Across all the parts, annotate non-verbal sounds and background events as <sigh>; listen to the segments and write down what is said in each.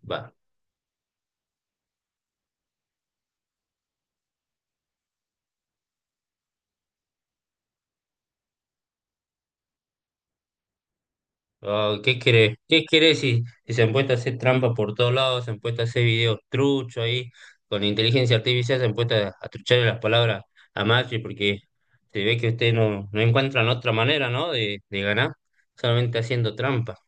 Va. ¿Qué querés? ¿Qué querés si se han puesto a hacer trampa por todos lados? Se han puesto a hacer videos truchos ahí. Con inteligencia artificial se han puesto a trucharle las palabras a Macri porque se ve que ustedes no encuentran otra manera, ¿no? De ganar, solamente haciendo trampa.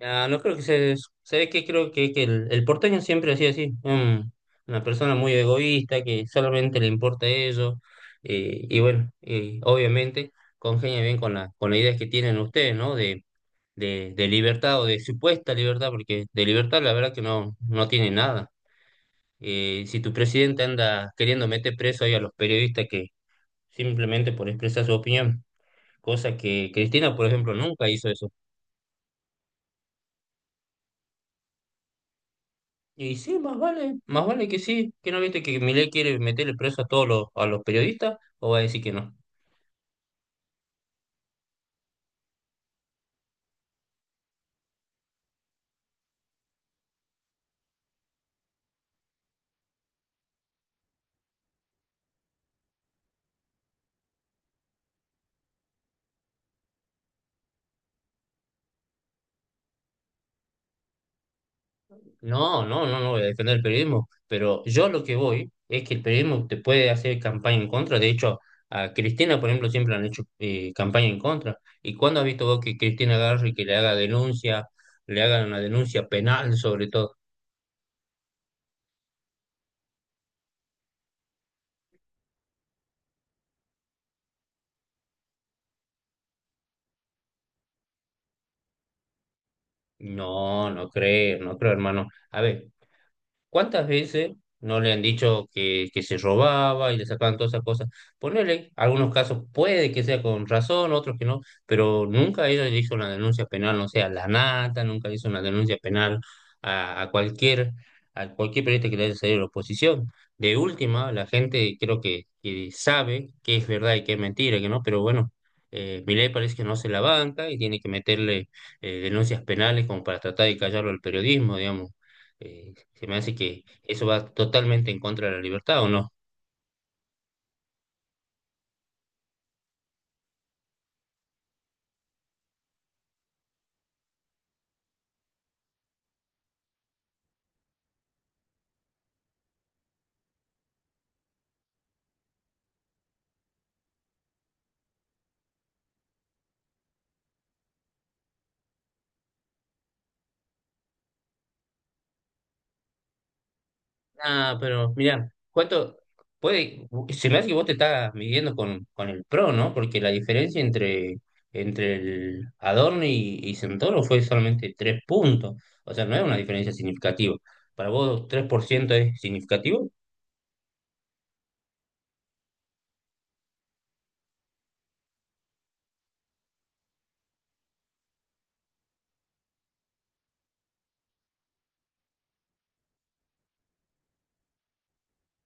Ah, no creo que se eso. ¿Sabés qué? Creo que el porteño siempre ha sido así. Una persona muy egoísta que solamente le importa eso. Y bueno, obviamente congenia bien con con las ideas que tienen ustedes, ¿no? De libertad o de supuesta libertad, porque de libertad la verdad que no tiene nada. Si tu presidente anda queriendo meter preso ahí a los periodistas que simplemente por expresar su opinión, cosa que Cristina, por ejemplo, nunca hizo eso. Y sí, más vale que sí, que no viste que Milei quiere meterle preso a a los periodistas, o va a decir que no. No, no, no, no voy a defender el periodismo, pero yo lo que voy es que el periodismo te puede hacer campaña en contra. De hecho, a Cristina, por ejemplo, siempre le han hecho campaña en contra. ¿Y cuándo has visto vos que Cristina agarre y que le haga denuncia, le hagan una denuncia penal sobre todo? No, no creo, no creo, hermano. A ver, ¿cuántas veces no le han dicho que se robaba y le sacaban todas esas cosas? Ponele, algunos casos puede que sea con razón, otros que no, pero nunca ella le hizo una denuncia penal, no sea a la nata, nunca hizo una denuncia penal a, a cualquier, a cualquier periodista que le haya salido la oposición. De última, la gente creo que sabe qué es verdad y qué es mentira, que no, pero bueno, Milei parece que no se la banca y tiene que meterle denuncias penales como para tratar de callarlo al periodismo, digamos. Eh, Se me hace que eso va totalmente en contra de la libertad, ¿o no? Ah, pero mira, ¿cuánto puede? Se me hace que vos te estás midiendo con el PRO, ¿no? Porque la diferencia entre el Adorno y Santoro fue solamente tres puntos. O sea, no es una diferencia significativa. ¿Para vos 3% es significativo?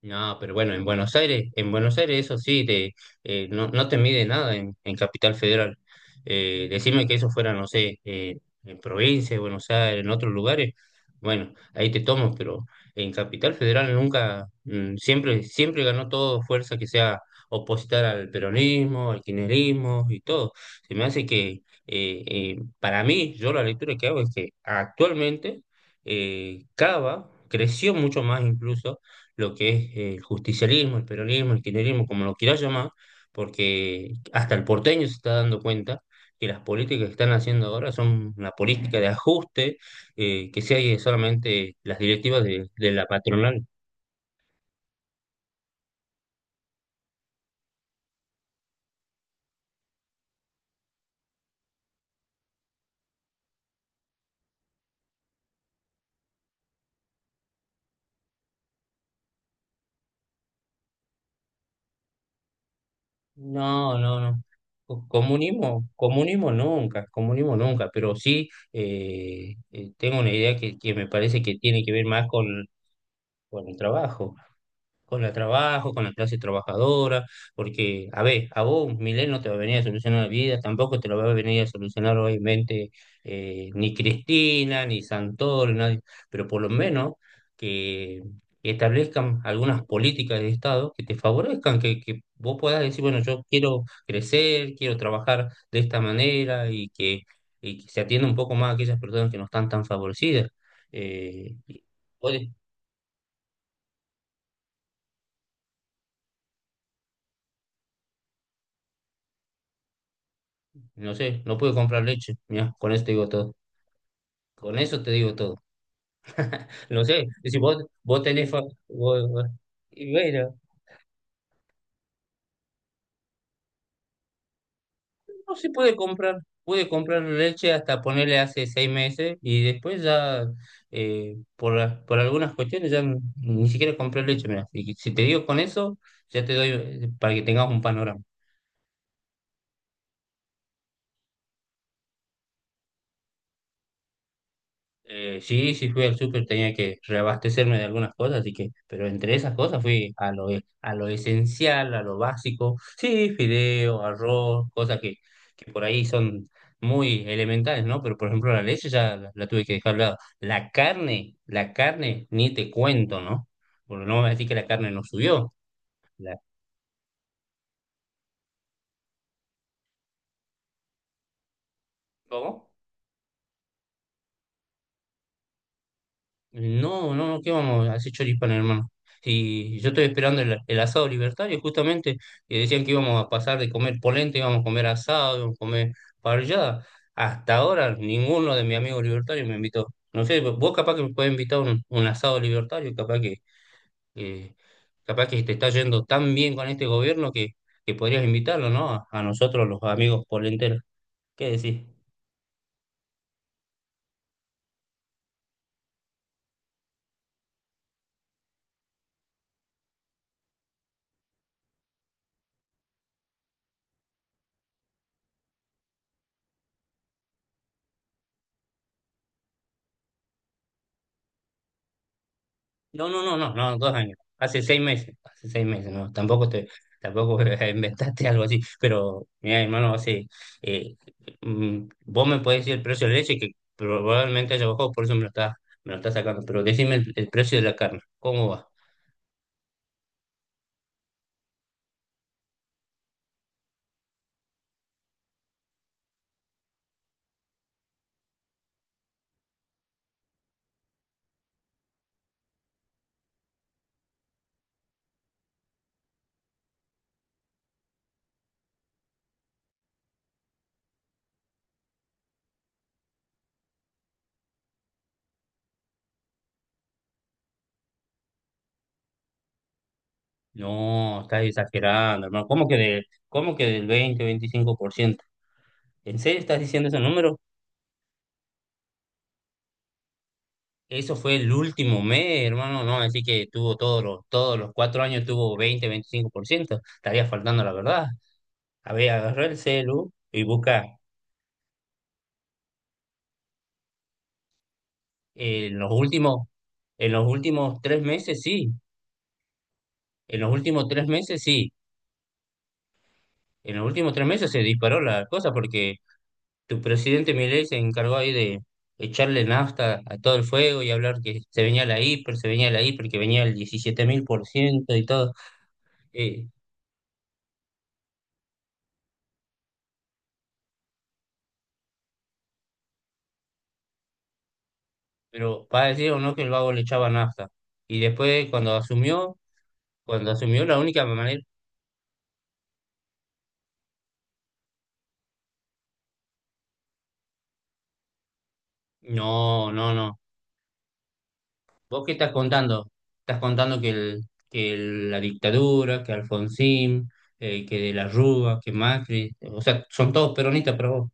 No, pero bueno, en Buenos Aires eso sí, no, no te mide nada en Capital Federal. Decime que eso fuera, no sé, en provincia de Buenos Aires, en otros lugares, bueno, ahí te tomo, pero en Capital Federal nunca, siempre, siempre ganó todo fuerza que sea opositar al peronismo, al kirchnerismo y todo. Se me hace para mí, yo la lectura que hago es que actualmente Cava creció mucho más incluso lo que es el justicialismo, el peronismo, el kirchnerismo, como lo quieras llamar, porque hasta el porteño se está dando cuenta que las políticas que están haciendo ahora son una política de ajuste, que sigue solamente las directivas de la patronal. No, no, no. Comunismo, comunismo nunca, pero sí tengo una idea que me parece que tiene que ver más con el trabajo, con el trabajo, con la clase trabajadora, porque, a ver, a vos un Milei no te va a venir a solucionar la vida, tampoco te lo va a venir a solucionar obviamente ni Cristina, ni Santoro, nadie, pero por lo menos que establezcan algunas políticas de Estado que te favorezcan, que vos puedas decir, bueno, yo quiero crecer, quiero trabajar de esta manera y que se atienda un poco más a aquellas personas que no están tan favorecidas. Eh, No sé, no pude comprar leche. Mira, con eso te digo todo. Con eso te digo todo. No sé, y si vos, vos tenés vos- vos- y bueno, no se puede comprar. Pude comprar leche hasta ponerle hace 6 meses y después ya, por algunas cuestiones, ya ni siquiera compré leche. Mira, y si te digo con eso, ya te doy para que tengas un panorama. Sí, sí fui al súper, tenía que reabastecerme de algunas cosas, así que, pero entre esas cosas fui a a lo esencial, a lo básico, sí, fideo, arroz, cosas que por ahí son muy elementales, ¿no? Pero por ejemplo la leche ya la tuve que dejar de lado. La carne, ni te cuento, ¿no? Porque no me vas a decir que la carne no subió. La, ¿Cómo? No, no, no, ¿qué vamos a hacer choripán, hermano? Si yo estoy esperando el asado libertario, justamente, que decían que íbamos a pasar de comer polenta, íbamos a comer asado, íbamos a comer parrillada. Hasta ahora ninguno de mis amigos libertarios me invitó. No sé, vos capaz que me puedes invitar un asado libertario, eh, capaz que te está yendo tan bien con este gobierno que podrías invitarlo, ¿no? A nosotros los amigos polenteros. ¿Qué decís? No, no, no, no, no, 2 años. Hace seis meses, no, tampoco te, tampoco <laughs> inventaste algo así, pero mira, hermano, hace, eh, vos me podés decir el precio de la leche que probablemente haya bajado, por eso me lo estás sacando, pero decime el precio de la carne, ¿cómo va? No, estás exagerando, hermano, ¿cómo que del 20, 25%? ¿En serio estás diciendo ese número? Eso fue el último mes, hermano, no, así que tuvo todos los 4 años tuvo 20, 25%, estaría faltando a la verdad. A ver, agarra el celu y busca eh, en los últimos, en los últimos 3 meses, sí. En los últimos tres meses, sí. En los últimos tres meses se disparó la cosa porque tu presidente Milei se encargó ahí de echarle nafta a todo el fuego y hablar que se venía la hiper, se venía la hiper, que venía el 17.000% y todo. Eh, pero para decir o no que el vago le echaba nafta. Y después cuando asumió la única manera, no, no, no. ¿Vos qué estás contando? Estás contando que la dictadura, que Alfonsín, que de la Rúa, que Macri, o sea, son todos peronistas, pero vos,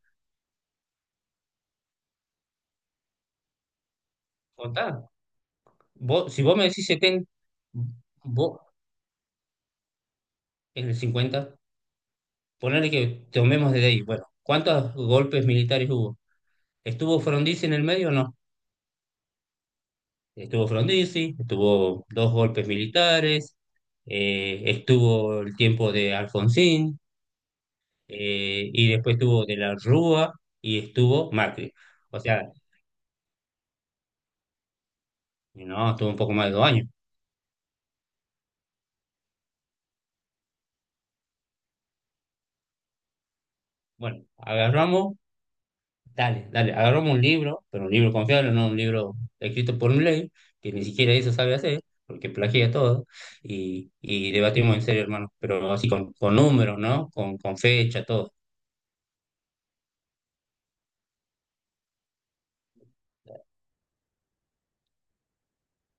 contá. Vos, si vos me decís 70, vos en el 50 ponele que tomemos desde ahí. Bueno, ¿cuántos golpes militares hubo? ¿Estuvo Frondizi en el medio o no? Estuvo Frondizi, estuvo dos golpes militares, estuvo el tiempo de Alfonsín, y después estuvo De la Rúa y estuvo Macri. O sea, no, estuvo un poco más de 2 años. Bueno, agarramos, dale, dale, agarramos un libro, pero un libro confiable, no un libro escrito por un ley, que ni siquiera eso sabe hacer, porque plagia todo, y debatimos en serio, hermano, pero así con números, ¿no? Con fecha, todo.